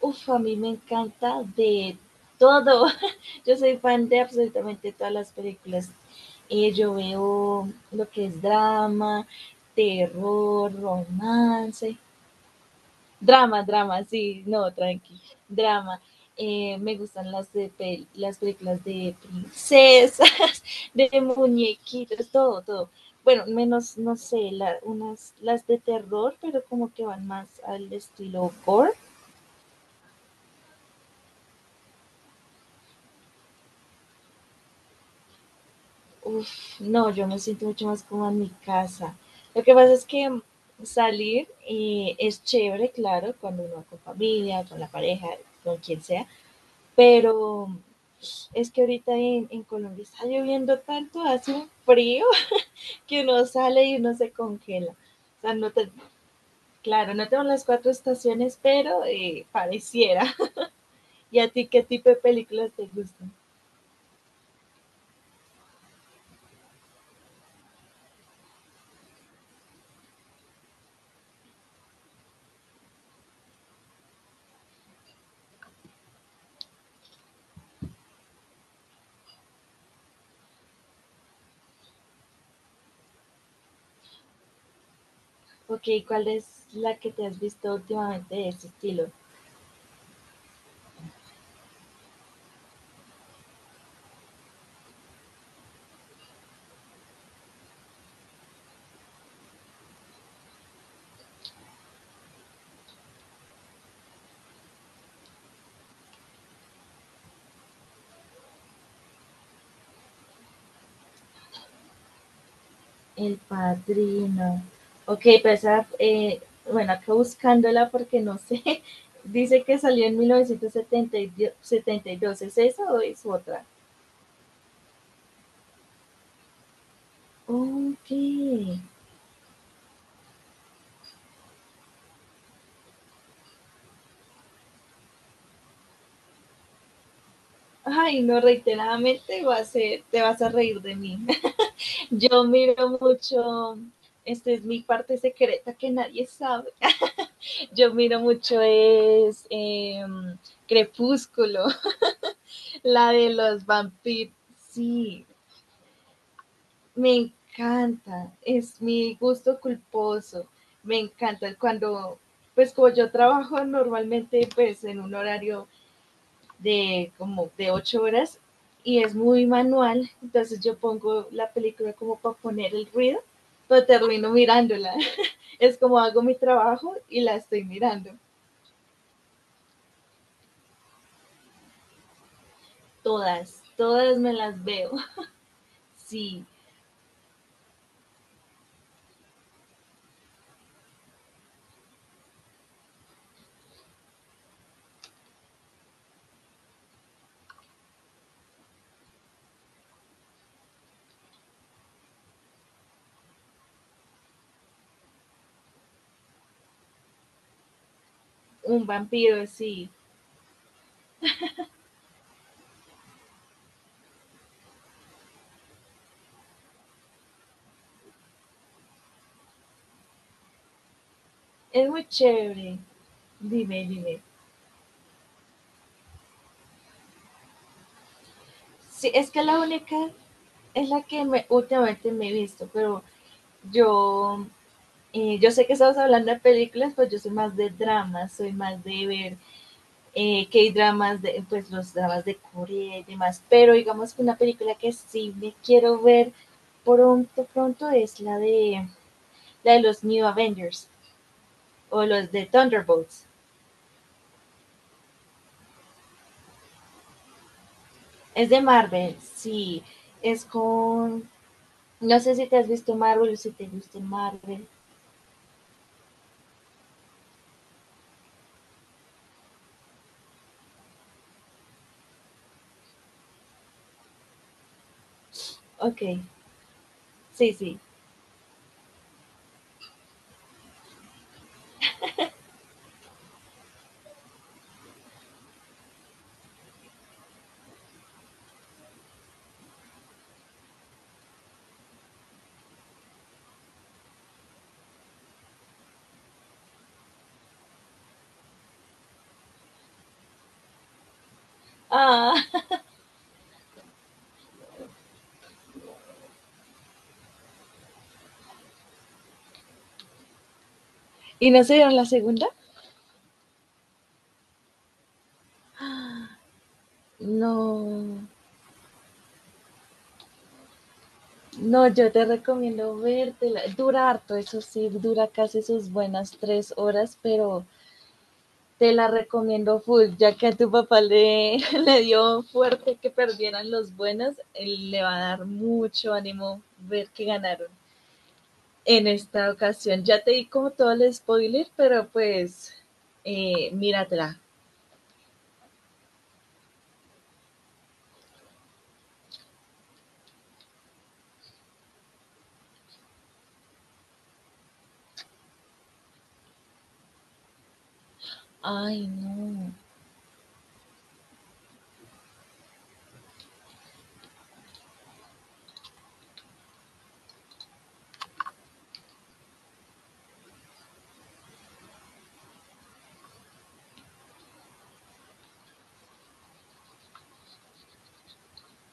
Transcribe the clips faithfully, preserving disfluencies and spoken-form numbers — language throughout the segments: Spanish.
Uf, a mí me encanta de todo. Yo soy fan de absolutamente todas las películas. Eh, yo veo lo que es drama, terror, romance. Drama, drama, sí, no, tranqui. Drama. Eh, me gustan las, de pel- las películas de princesas, de muñequitos, todo, todo. Bueno, menos, no sé, la- unas, las de terror, pero como que van más al estilo gore. Uf, no, yo me siento mucho más como en mi casa. Lo que pasa es que salir eh, es chévere, claro, cuando uno va con familia, con la pareja, con quien sea, pero es que ahorita en, en Colombia está lloviendo tanto, hace un frío que uno sale y uno se congela. O sea, no te- claro, no tengo las cuatro estaciones, pero eh, pareciera. ¿Y a ti qué tipo de películas te gustan? Ok, ¿cuál es la que te has visto últimamente de ese estilo? El Padrino. Ok, pero esa, eh, bueno, acá buscándola porque no sé. Dice que salió en mil novecientos setenta y dos. ¿Es esa o es otra? Ok. Ay, no, reiteradamente va a ser, te vas a reír de mí. Yo miro mucho, esta es mi parte secreta que nadie sabe. Yo miro mucho es eh, Crepúsculo, la de los vampiros. Sí, me encanta, es mi gusto culposo. Me encanta cuando, pues como yo trabajo normalmente pues en un horario de como de ocho horas y es muy manual, entonces yo pongo la película como para poner el ruido, pero termino mirándola. Es como hago mi trabajo y la estoy mirando. Todas, todas me las veo. Sí, un vampiro, sí. Es muy chévere. Dime, dime. Sí, es que la única es la que me, últimamente me he visto, pero yo, eh, yo sé que estamos hablando de películas, pues yo soy más de dramas, soy más de ver eh, que hay dramas, de, pues los dramas de Corea y demás, pero digamos que una película que sí me quiero ver pronto, pronto es la de, la de los New Avengers o los de Thunderbolts. Es de Marvel, sí, es con, no sé si te has visto Marvel o si te gusta Marvel. Ok, sí, sí. Ah, ¿y no se dieron la segunda? No. No, yo te recomiendo vértela. Dura harto, eso sí, dura casi sus buenas tres horas, pero te la recomiendo full, ya que a tu papá le, le dio fuerte que perdieran los buenos, él le va a dar mucho ánimo ver que ganaron en esta ocasión. Ya te di como todo el spoiler, pero pues eh, míratela. Ay, no,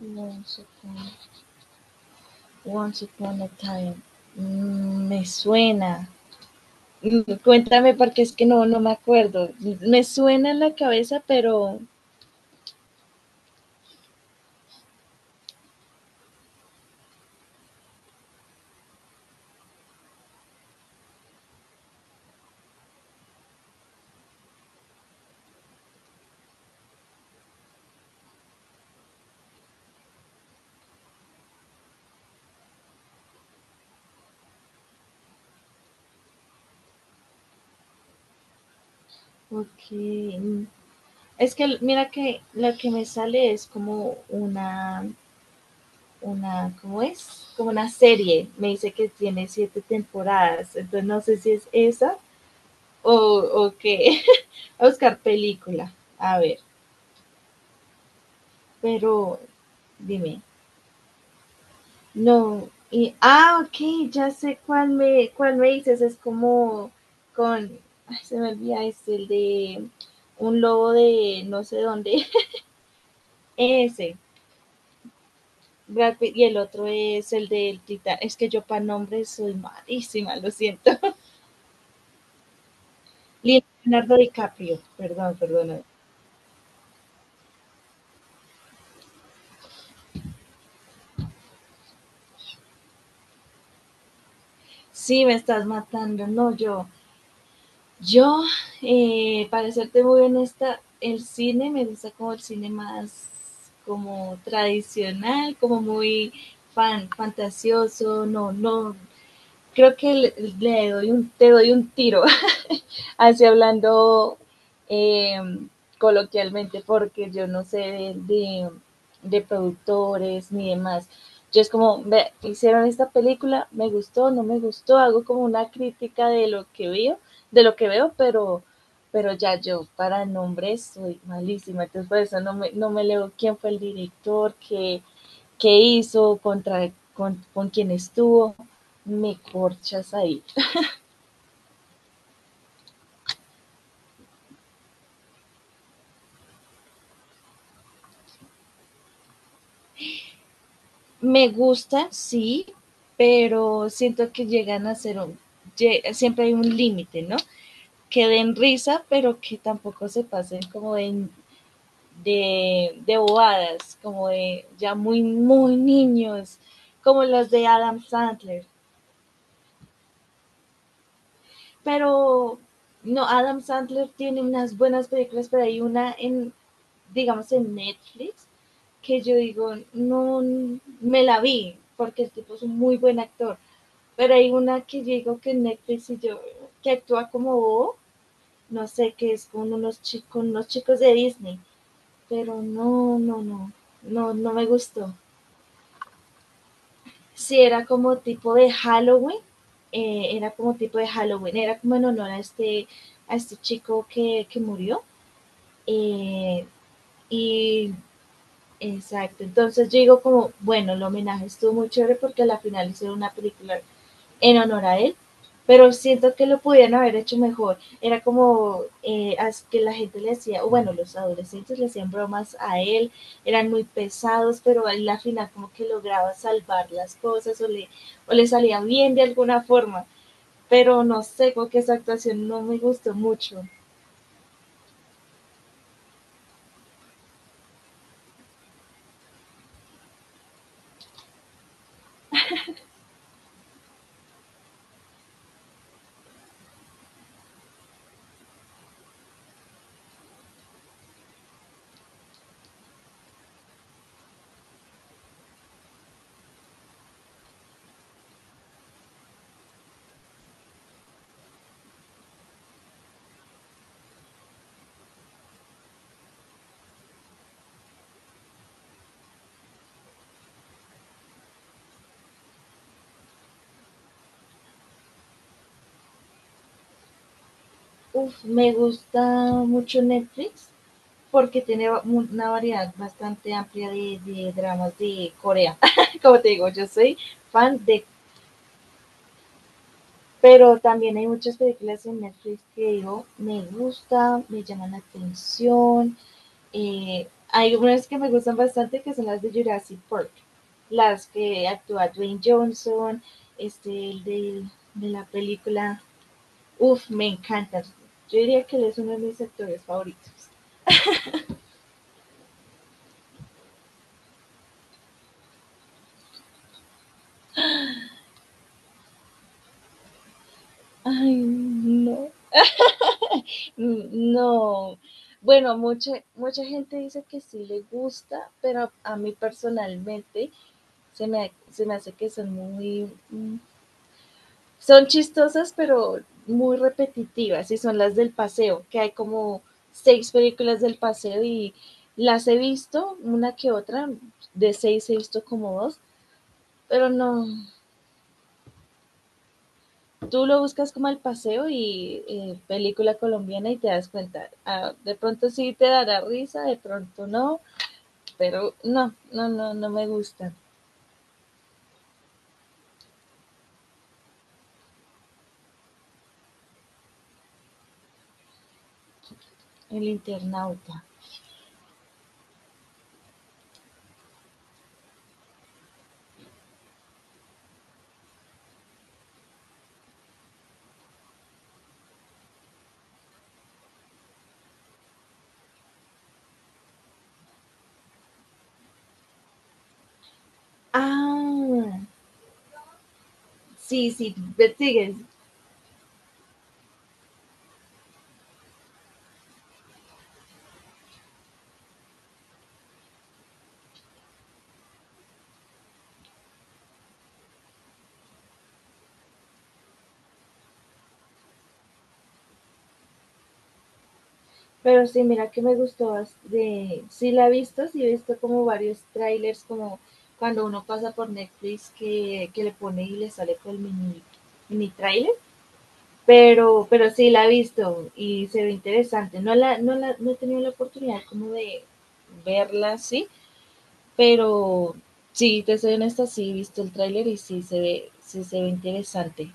no no sé cómo. Once Upon a Time. Mm, me suena. Mm, cuéntame porque es que no, no me acuerdo. Me suena en la cabeza, pero ok. mm, Es que l- mira que lo que me sale es como una, una, ¿cómo es? Como una serie. Me dice que tiene siete temporadas. Entonces no sé si es esa o, o qué. A buscar película. A ver, pero dime. No, y ah, ok, ya sé cuál me, cuál me dices, es como con, ay, se me olvida este, el de un lobo de no sé dónde, ese, Brad Pitt, y el otro es el del Titán, es que yo para nombres soy malísima, lo siento, Leonardo DiCaprio, perdón, perdón, sí, me estás matando, no, yo, Yo, eh, para serte muy honesta, el cine me gusta como el cine más como tradicional, como muy fan, fantasioso, no, no, creo que le, le doy un, te doy un tiro así hablando eh, coloquialmente, porque yo no sé de, de, de productores ni demás. Yo es como, ve, hicieron esta película, me gustó, no me gustó, hago como una crítica de lo que veo, de lo que veo, pero, pero ya yo para nombres soy malísima, entonces por eso no me, no me leo quién fue el director, qué, qué hizo, contra, con, con quién estuvo, me corchas ahí. Me gusta, sí, pero siento que llegan a ser un, lle- siempre hay un límite, ¿no? Que den risa, pero que tampoco se pasen como de, de, de bobadas, como de ya muy, muy niños, como las de Adam Sandler. Pero no, Adam Sandler tiene unas buenas películas, pero hay una en, digamos, en Netflix que yo digo, no, me la vi, porque el tipo es un muy buen actor. Pero hay una que yo digo que en Netflix y yo, que actúa como Bobo, no sé, que es con unos chicos, unos chicos de Disney, pero no, no, no, no, no me gustó. Sí, era como tipo de Halloween, eh, era como tipo de Halloween, era como en honor a este, a este chico que, que murió. eh, y exacto, entonces yo digo como, bueno, el homenaje estuvo muy chévere porque al final hicieron una película en honor a él, pero siento que lo pudieran haber hecho mejor. Era como eh, que la gente le hacía, o bueno, los adolescentes le hacían bromas a él, eran muy pesados, pero al final como que lograba salvar las cosas o le, o le salía bien de alguna forma. Pero no sé, como que esa actuación no me gustó mucho. Uf, me gusta mucho Netflix porque tiene una variedad bastante amplia de, de dramas de Corea. Como te digo, yo soy fan de. Pero también hay muchas películas en Netflix que digo, me gusta, me llaman la atención. eh, hay unas que me gustan bastante que son las de Jurassic Park, las que actúa Dwayne Johnson, este, el del- de la película. Uf, me encanta. Yo diría que él es uno de mis actores favoritos. Ay, no. Mm, no. Bueno, mucha, mucha gente dice que sí le gusta, pero a mí personalmente se me, se me hace que son muy, mm, son chistosas, pero muy repetitivas y son las del paseo, que hay como seis películas del paseo y las he visto una que otra, de seis he visto como dos, pero no, tú lo buscas como el paseo y eh, película colombiana y te das cuenta, ah, de pronto sí te dará risa, de pronto no, pero no, no, no, no me gusta el internauta. Ah, sí, sí, sigue, pero sí, mira que me gustó, bas- de, sí la he visto, sí he visto como varios trailers, como cuando uno pasa por Netflix que, que le pone y le sale con el mini, mini trailer, pero, pero sí la he visto y se ve interesante. No la, no la, no he tenido la oportunidad como de verla sí pero sí, te soy honesta, sí he visto el trailer y sí se ve, sí se ve interesante.